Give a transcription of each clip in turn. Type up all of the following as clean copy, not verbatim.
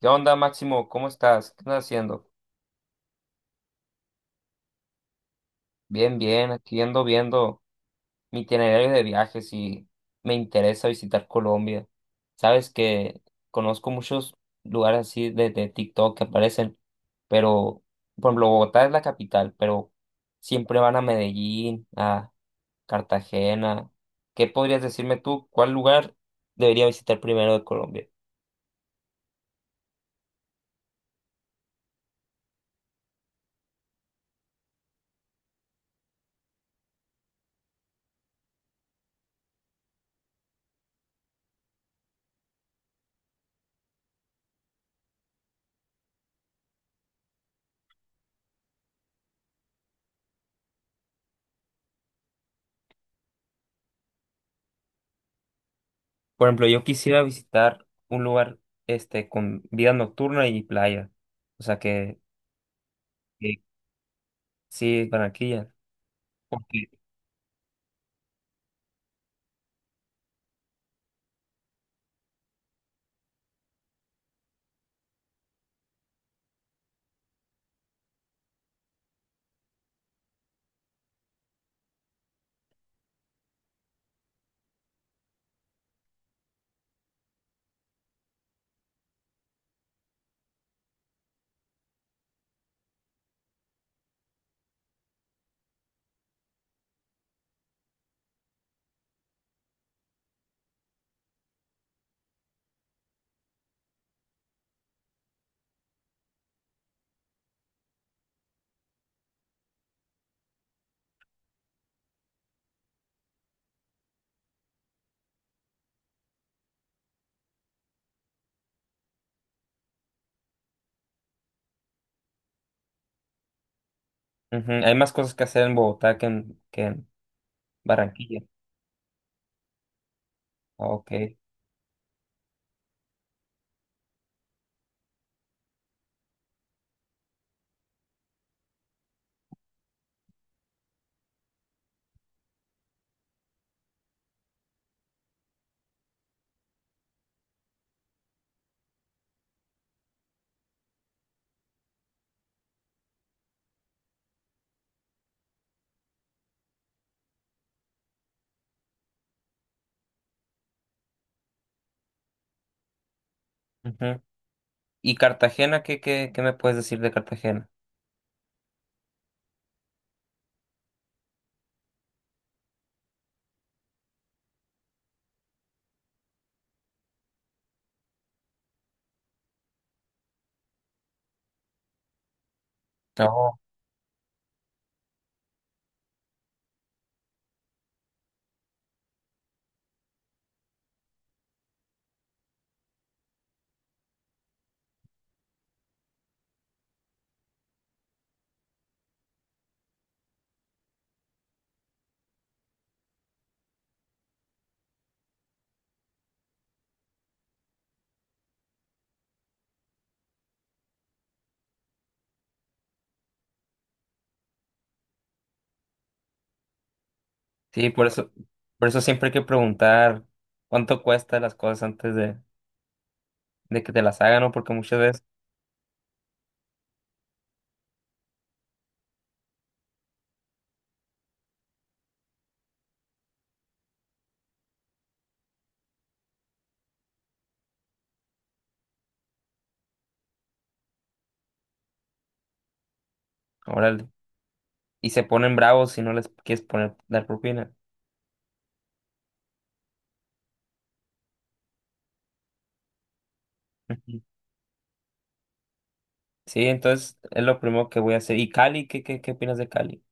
¿Qué onda, Máximo? ¿Cómo estás? ¿Qué estás haciendo? Bien, bien, aquí ando viendo mi itinerario de viajes y me interesa visitar Colombia. Sabes que conozco muchos lugares así de TikTok que aparecen, pero, por ejemplo, Bogotá es la capital, pero siempre van a Medellín, a Cartagena. ¿Qué podrías decirme tú? ¿Cuál lugar debería visitar primero de Colombia? Por ejemplo, yo quisiera visitar un lugar este con vida nocturna y playa. O sea que sí, Barranquilla. Porque ujú, hay más cosas que hacer en Bogotá que en Barranquilla. Ah, ok. Ujú. ¿Y Cartagena? ¿Qué me puedes decir de Cartagena? Oh, sí, por eso siempre hay que preguntar cuánto cuesta las cosas antes de que te las hagan, ¿no? Porque muchas veces, órale, y se ponen bravos si no les quieres poner, dar propina. Sí, entonces es lo primero que voy a hacer. ¿Y Cali? ¿Qué opinas de Cali?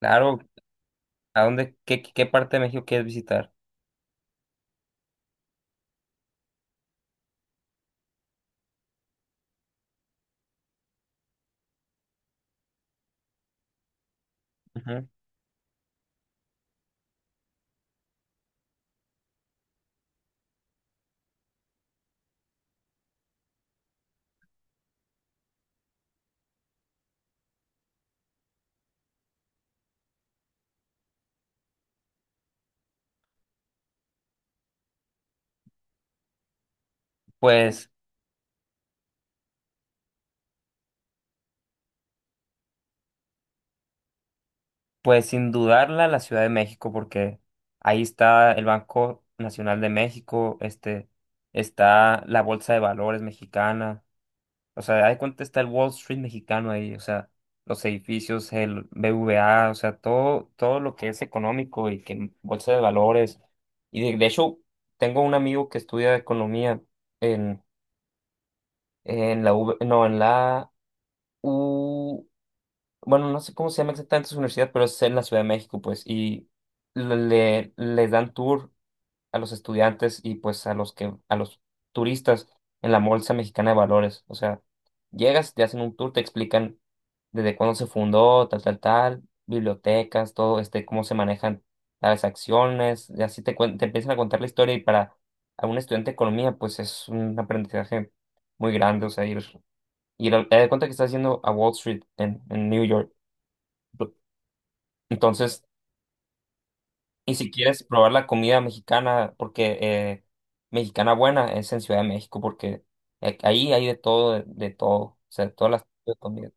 Claro, ¿a dónde, qué, qué parte de México quieres visitar? Ujú. Pues, pues sin dudarla la Ciudad de México, porque ahí está el Banco Nacional de México, este, está la Bolsa de Valores mexicana. O sea, ahí cuenta está el Wall Street mexicano ahí, o sea, los edificios, el BVA, o sea, todo, todo lo que es económico y que bolsa de valores. Y de hecho, tengo un amigo que estudia economía en, en la UV no, en la U, bueno, no sé cómo se llama exactamente su universidad, pero es en la Ciudad de México, pues, y les dan tour a los estudiantes y pues a los que, a los turistas en la Bolsa Mexicana de Valores. O sea, llegas, te hacen un tour, te explican desde cuándo se fundó, tal, tal, tal, bibliotecas, todo este, cómo se manejan las acciones, y así te, te empiezan a contar la historia y para a un estudiante de economía, pues es un aprendizaje muy grande, o sea, ir te das cuenta que estás yendo a Wall Street en New York. Entonces, y si quieres probar la comida mexicana, porque mexicana buena es en Ciudad de México, porque ahí hay de todo, de todo, o sea, todas las tipos de comida.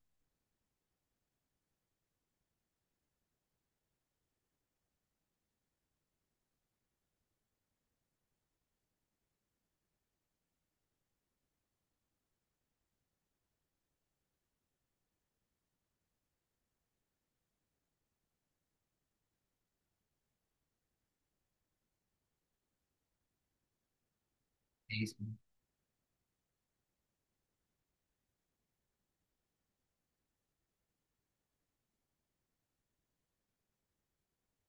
Sí, sí.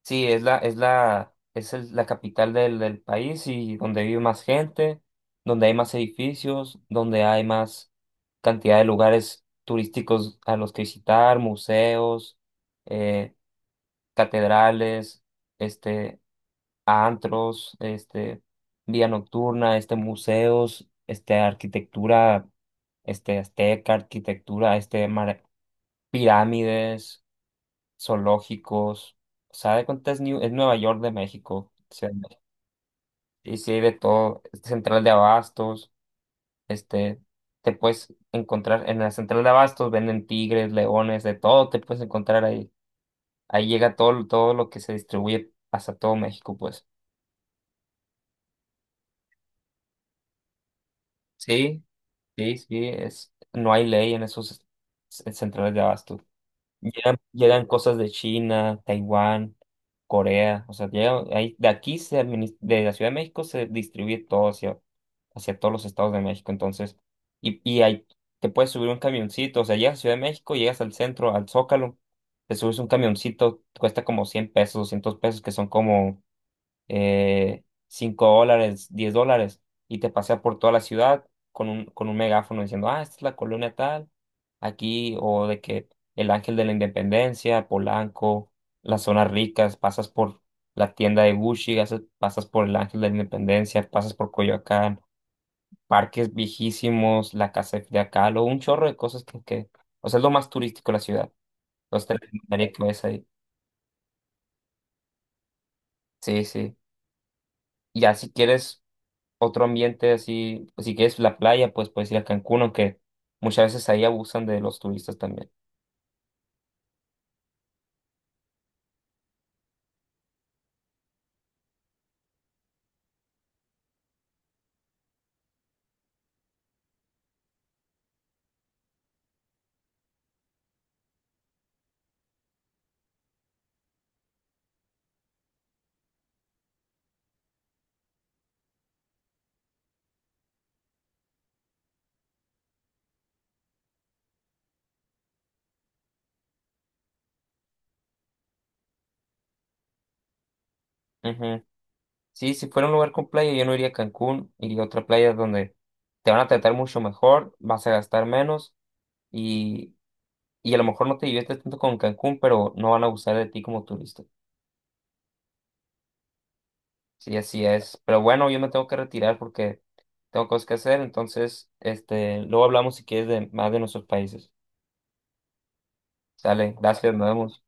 Sí, es la, es la, es el- la capital del, del país y donde vive más gente, donde hay más edificios, donde hay más cantidad de lugares turísticos a los que visitar, museos, eh, catedrales, este, antros, este, vía nocturna, este, museos, este, arquitectura, este, azteca, arquitectura, pirámides, zoológicos, o sea, de cuenta es, es Nueva York de México, o sea, y sí hay de todo, este, central de abastos, este, te puedes encontrar, en la central de abastos venden tigres, leones, de todo, te puedes encontrar ahí, ahí llega todo, todo lo que se distribuye hasta todo México, pues, sí. Sí, sí, es, no hay ley en esos centrales de abasto. Llegan, llegan cosas de China, Taiwán, Corea, o sea, llegan, de aquí, de la Ciudad de México se distribuye todo hacia, hacia todos los estados de México, entonces, y ahí te puedes subir un camioncito, o sea, llegas a Ciudad de México, llegas al centro, al Zócalo, te subes un camioncito, cuesta como 100 pesos, 200 pesos, que son como 5 dólares, 10 dólares, y te pasea por toda la ciudad con un megáfono diciendo, ah, esta es la colonia tal, aquí, o de que el Ángel de la Independencia, Polanco, las zonas ricas, pasas por la tienda de Gucci, pasas por el Ángel de la Independencia, pasas por Coyoacán, parques viejísimos, la casa de Frida Kahlo, un chorro de cosas o sea, es lo más turístico de la ciudad. Entonces te recomendaría que vayas ahí. Sí, sí. Y ya si quieres otro ambiente así, pues, si quieres la playa, pues puedes ir a Cancún, aunque muchas veces ahí abusan de los turistas también. Ujú. Sí, si fuera un lugar con playa, yo no iría a Cancún, iría a otra playa donde te van a tratar mucho mejor, vas a gastar menos y, y a lo mejor no te diviertes tanto con Cancún, pero no van a abusar de ti como turista. Sí, así es. Pero bueno, yo me tengo que retirar porque tengo cosas que hacer, entonces, este, luego hablamos si quieres de más de nuestros países. Sale, gracias, nos vemos.